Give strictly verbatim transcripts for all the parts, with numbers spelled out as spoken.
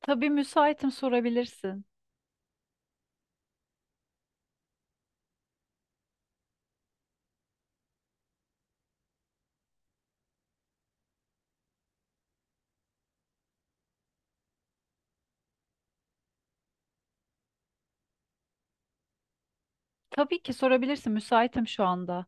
Tabii müsaitim sorabilirsin. Tabii ki sorabilirsin. Müsaitim şu anda.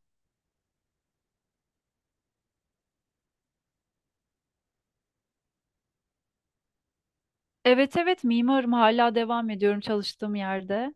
Evet evet mimarım hala devam ediyorum çalıştığım yerde.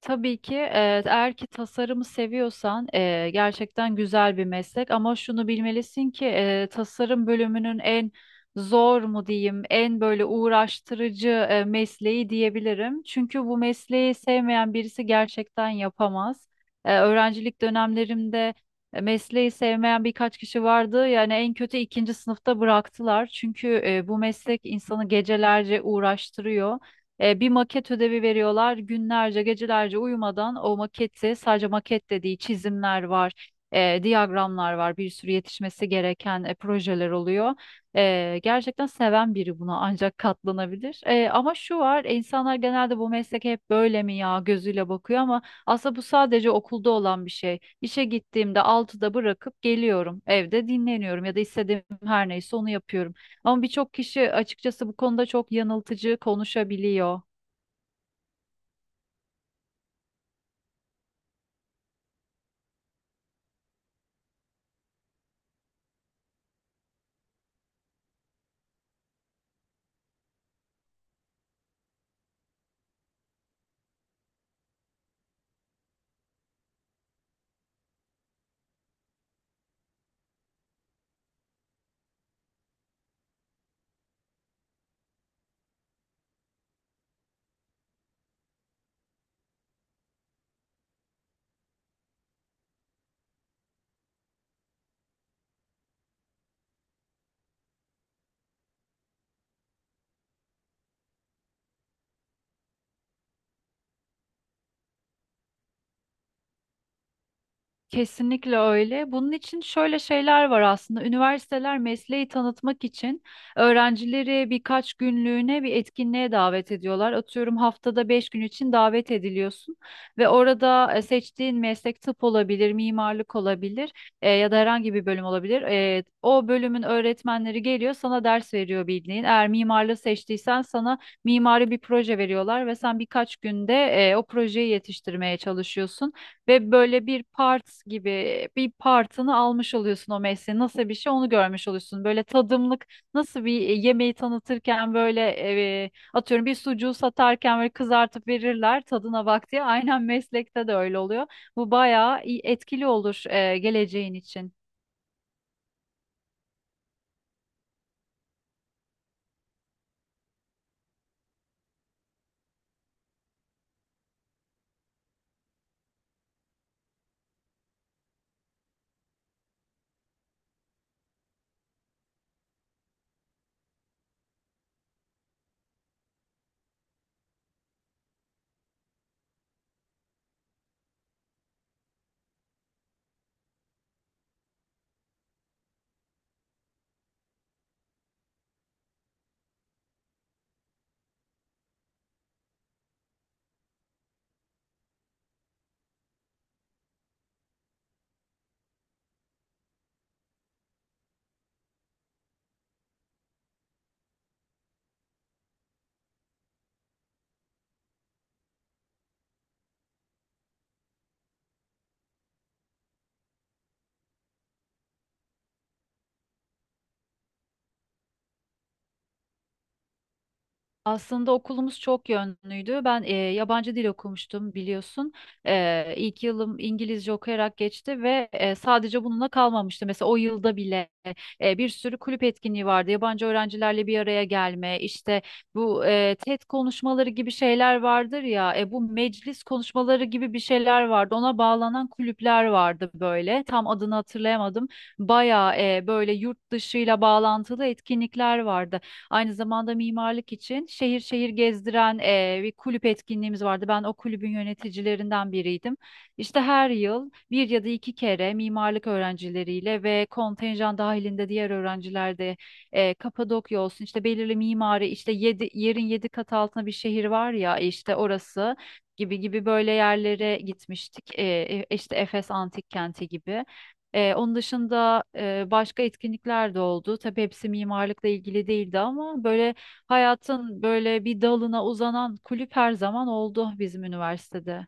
Tabii ki e, eğer ki tasarımı seviyorsan e, gerçekten güzel bir meslek ama şunu bilmelisin ki e, tasarım bölümünün en zor mu diyeyim en böyle uğraştırıcı e, mesleği diyebilirim. Çünkü bu mesleği sevmeyen birisi gerçekten yapamaz. E, öğrencilik dönemlerimde e, mesleği sevmeyen birkaç kişi vardı, yani en kötü ikinci sınıfta bıraktılar. Çünkü e, bu meslek insanı gecelerce uğraştırıyor. E, bir maket ödevi veriyorlar. Günlerce, gecelerce uyumadan o maketi, sadece maket dediği çizimler var, e, diyagramlar var, bir sürü yetişmesi gereken e, projeler oluyor. E, gerçekten seven biri buna ancak katlanabilir. E, ama şu var, insanlar genelde bu meslek hep böyle mi ya gözüyle bakıyor ama aslında bu sadece okulda olan bir şey. İşe gittiğimde altıda bırakıp geliyorum, evde dinleniyorum ya da istediğim her neyse onu yapıyorum. Ama birçok kişi açıkçası bu konuda çok yanıltıcı konuşabiliyor. Kesinlikle öyle. Bunun için şöyle şeyler var aslında. Üniversiteler mesleği tanıtmak için öğrencileri birkaç günlüğüne bir etkinliğe davet ediyorlar. Atıyorum haftada beş gün için davet ediliyorsun ve orada e, seçtiğin meslek tıp olabilir, mimarlık olabilir, e, ya da herhangi bir bölüm olabilir. E, o bölümün öğretmenleri geliyor, sana ders veriyor bildiğin. Eğer mimarlığı seçtiysen sana mimari bir proje veriyorlar ve sen birkaç günde e, o projeyi yetiştirmeye çalışıyorsun ve böyle bir part gibi bir partını almış oluyorsun, o mesleğin nasıl bir şey onu görmüş oluyorsun. Böyle tadımlık, nasıl bir e, yemeği tanıtırken böyle e, atıyorum bir sucuğu satarken böyle kızartıp verirler tadına bak diye aynen meslekte de öyle oluyor. Bu bayağı iyi- etkili olur e, geleceğin için. Aslında okulumuz çok yönlüydü. Ben e, yabancı dil okumuştum biliyorsun. E, ilk yılım İngilizce okuyarak geçti ve e, sadece bununla kalmamıştı. Mesela o yılda bile e, bir sürü kulüp etkinliği vardı. Yabancı öğrencilerle bir araya gelme, işte bu e, TED konuşmaları gibi şeyler vardır ya. E, bu meclis konuşmaları gibi bir şeyler vardı. Ona bağlanan kulüpler vardı böyle. Tam adını hatırlayamadım. Bayağı e, böyle yurt dışıyla bağlantılı etkinlikler vardı. Aynı zamanda mimarlık için şehir şehir gezdiren eee, bir kulüp etkinliğimiz vardı. Ben o kulübün yöneticilerinden biriydim. İşte her yıl bir ya da iki kere mimarlık öğrencileriyle ve kontenjan dahilinde diğer öğrenciler de eee, Kapadokya olsun, işte belirli mimari, işte yedi, yerin yedi kat altına bir şehir var ya işte orası gibi gibi böyle yerlere gitmiştik. Eee, e- işte Efes Antik Kenti gibi. Ee, onun dışında e, başka etkinlikler de oldu. Tabii hepsi mimarlıkla ilgili değildi ama böyle hayatın böyle bir dalına uzanan kulüp her zaman oldu bizim üniversitede.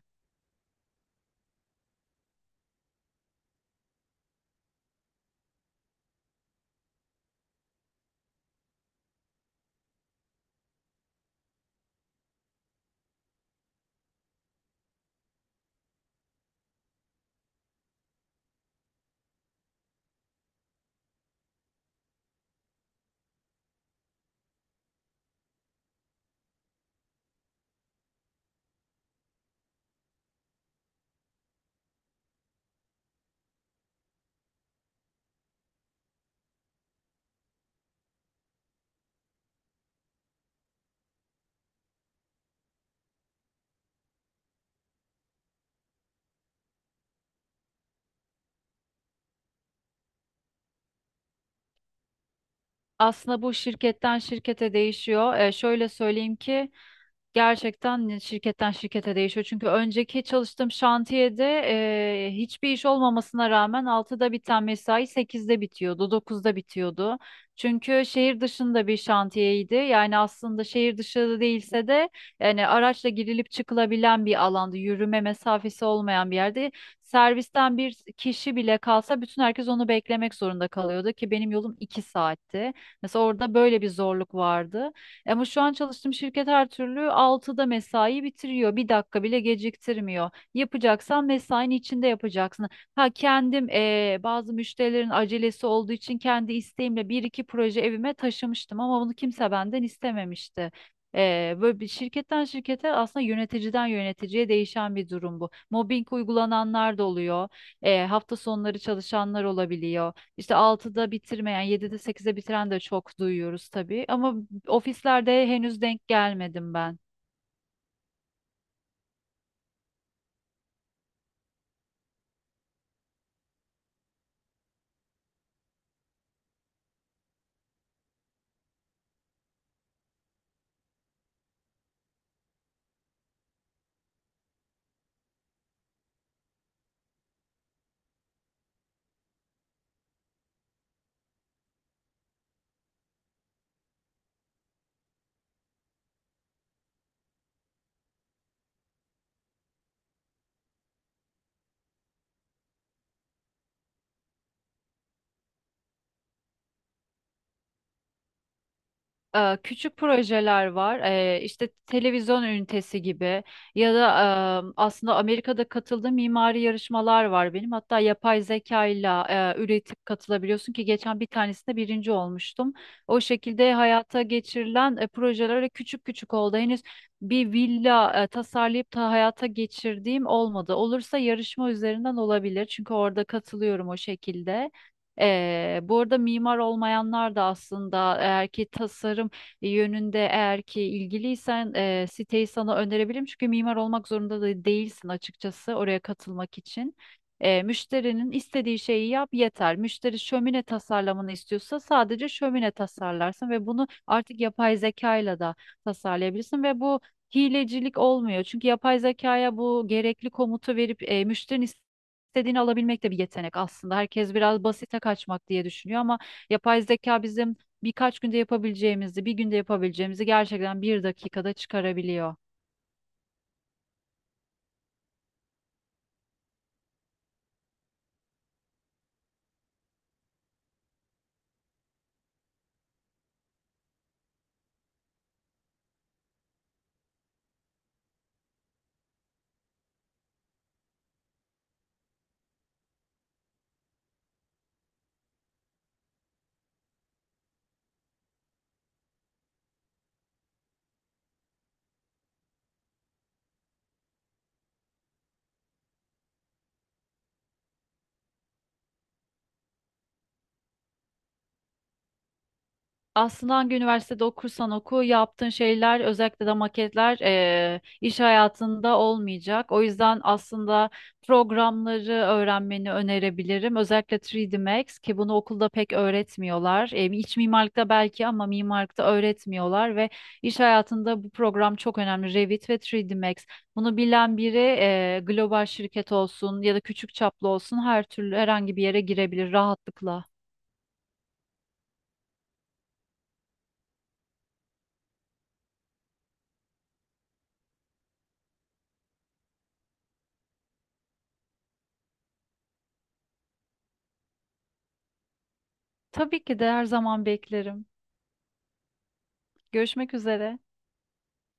Aslında bu şirketten şirkete değişiyor. Ee, şöyle söyleyeyim ki gerçekten ne- şirketten şirkete değişiyor. Çünkü önceki çalıştığım şantiyede e, hiçbir iş olmamasına rağmen altıda biten mesai sekizde bitiyordu, dokuzda bitiyordu. Çünkü şehir dışında bir şantiyeydi. Yani aslında şehir dışı değilse de yani araçla girilip çıkılabilen bir alanda, yürüme mesafesi olmayan bir yerde servisten bir kişi bile kalsa bütün herkes onu beklemek zorunda kalıyordu ki benim yolum iki saatti. Mesela orada böyle bir zorluk vardı. Ama şu an çalıştığım şirket her türlü altıda mesai bitiriyor. Bir dakika bile geciktirmiyor. Yapacaksan mesainin içinde yapacaksın. Ha, kendim eee, bazı müşterilerin acelesi olduğu için kendi isteğimle bir iki proje evime taşımıştım ama bunu kimse benden istememişti. Eee, böyle bir şirketten şirkete aslında yöneticiden yöneticiye değişen bir durum bu. Mobbing uygulananlar da oluyor. Eee, hafta sonları çalışanlar olabiliyor. İşte altıda bitirmeyen, yedide sekizde bitiren de çok duyuyoruz tabii. Ama ofislerde henüz denk gelmedim ben. Ee, küçük projeler var. Ee, işte televizyon ünitesi gibi ya da e, aslında Amerika'da katıldığım mimari yarışmalar var benim. Hatta yapay zeka ile e, üretip katılabiliyorsun ki geçen bir tanesinde birinci olmuştum. O şekilde hayata geçirilen e, projeler öyle küçük küçük oldu. Henüz bir villa e, tasarlayıp da hayata geçirdiğim olmadı. Olursa yarışma üzerinden olabilir. Çünkü orada katılıyorum o şekilde. Ee, bu arada mimar olmayanlar da aslında eğer ki tasarım yönünde eğer ki ilgiliysen e, siteyi sana önerebilirim. Çünkü mimar olmak zorunda da değilsin açıkçası oraya katılmak için. E, müşterinin istediği şeyi yap yeter. Müşteri şömine tasarlamanı istiyorsa sadece şömine tasarlarsın ve bunu artık yapay zekayla da tasarlayabilirsin ve bu hilecilik olmuyor. Çünkü yapay zekaya bu gerekli komutu verip e, müşterinin İstediğini alabilmek de bir yetenek aslında. Herkes biraz basite kaçmak diye düşünüyor ama yapay zeka bizim birkaç günde yapabileceğimizi, bir günde yapabileceğimizi gerçekten bir dakikada çıkarabiliyor. Aslında hangi üniversitede okursan oku yaptığın şeyler, özellikle de maketler, eee, iş hayatında olmayacak. O yüzden aslında programları öğrenmeni önerebilirim. Özellikle üç D Max, ki bunu okulda pek öğretmiyorlar. E, iç mimarlıkta belki ama mimarlıkta öğretmiyorlar ve iş hayatında bu program çok önemli. Revit ve üç D Max. Bunu bilen biri eee, global şirket olsun ya da küçük çaplı olsun her türlü herhangi bir yere girebilir rahatlıkla. Tabii ki de her zaman beklerim. Görüşmek üzere.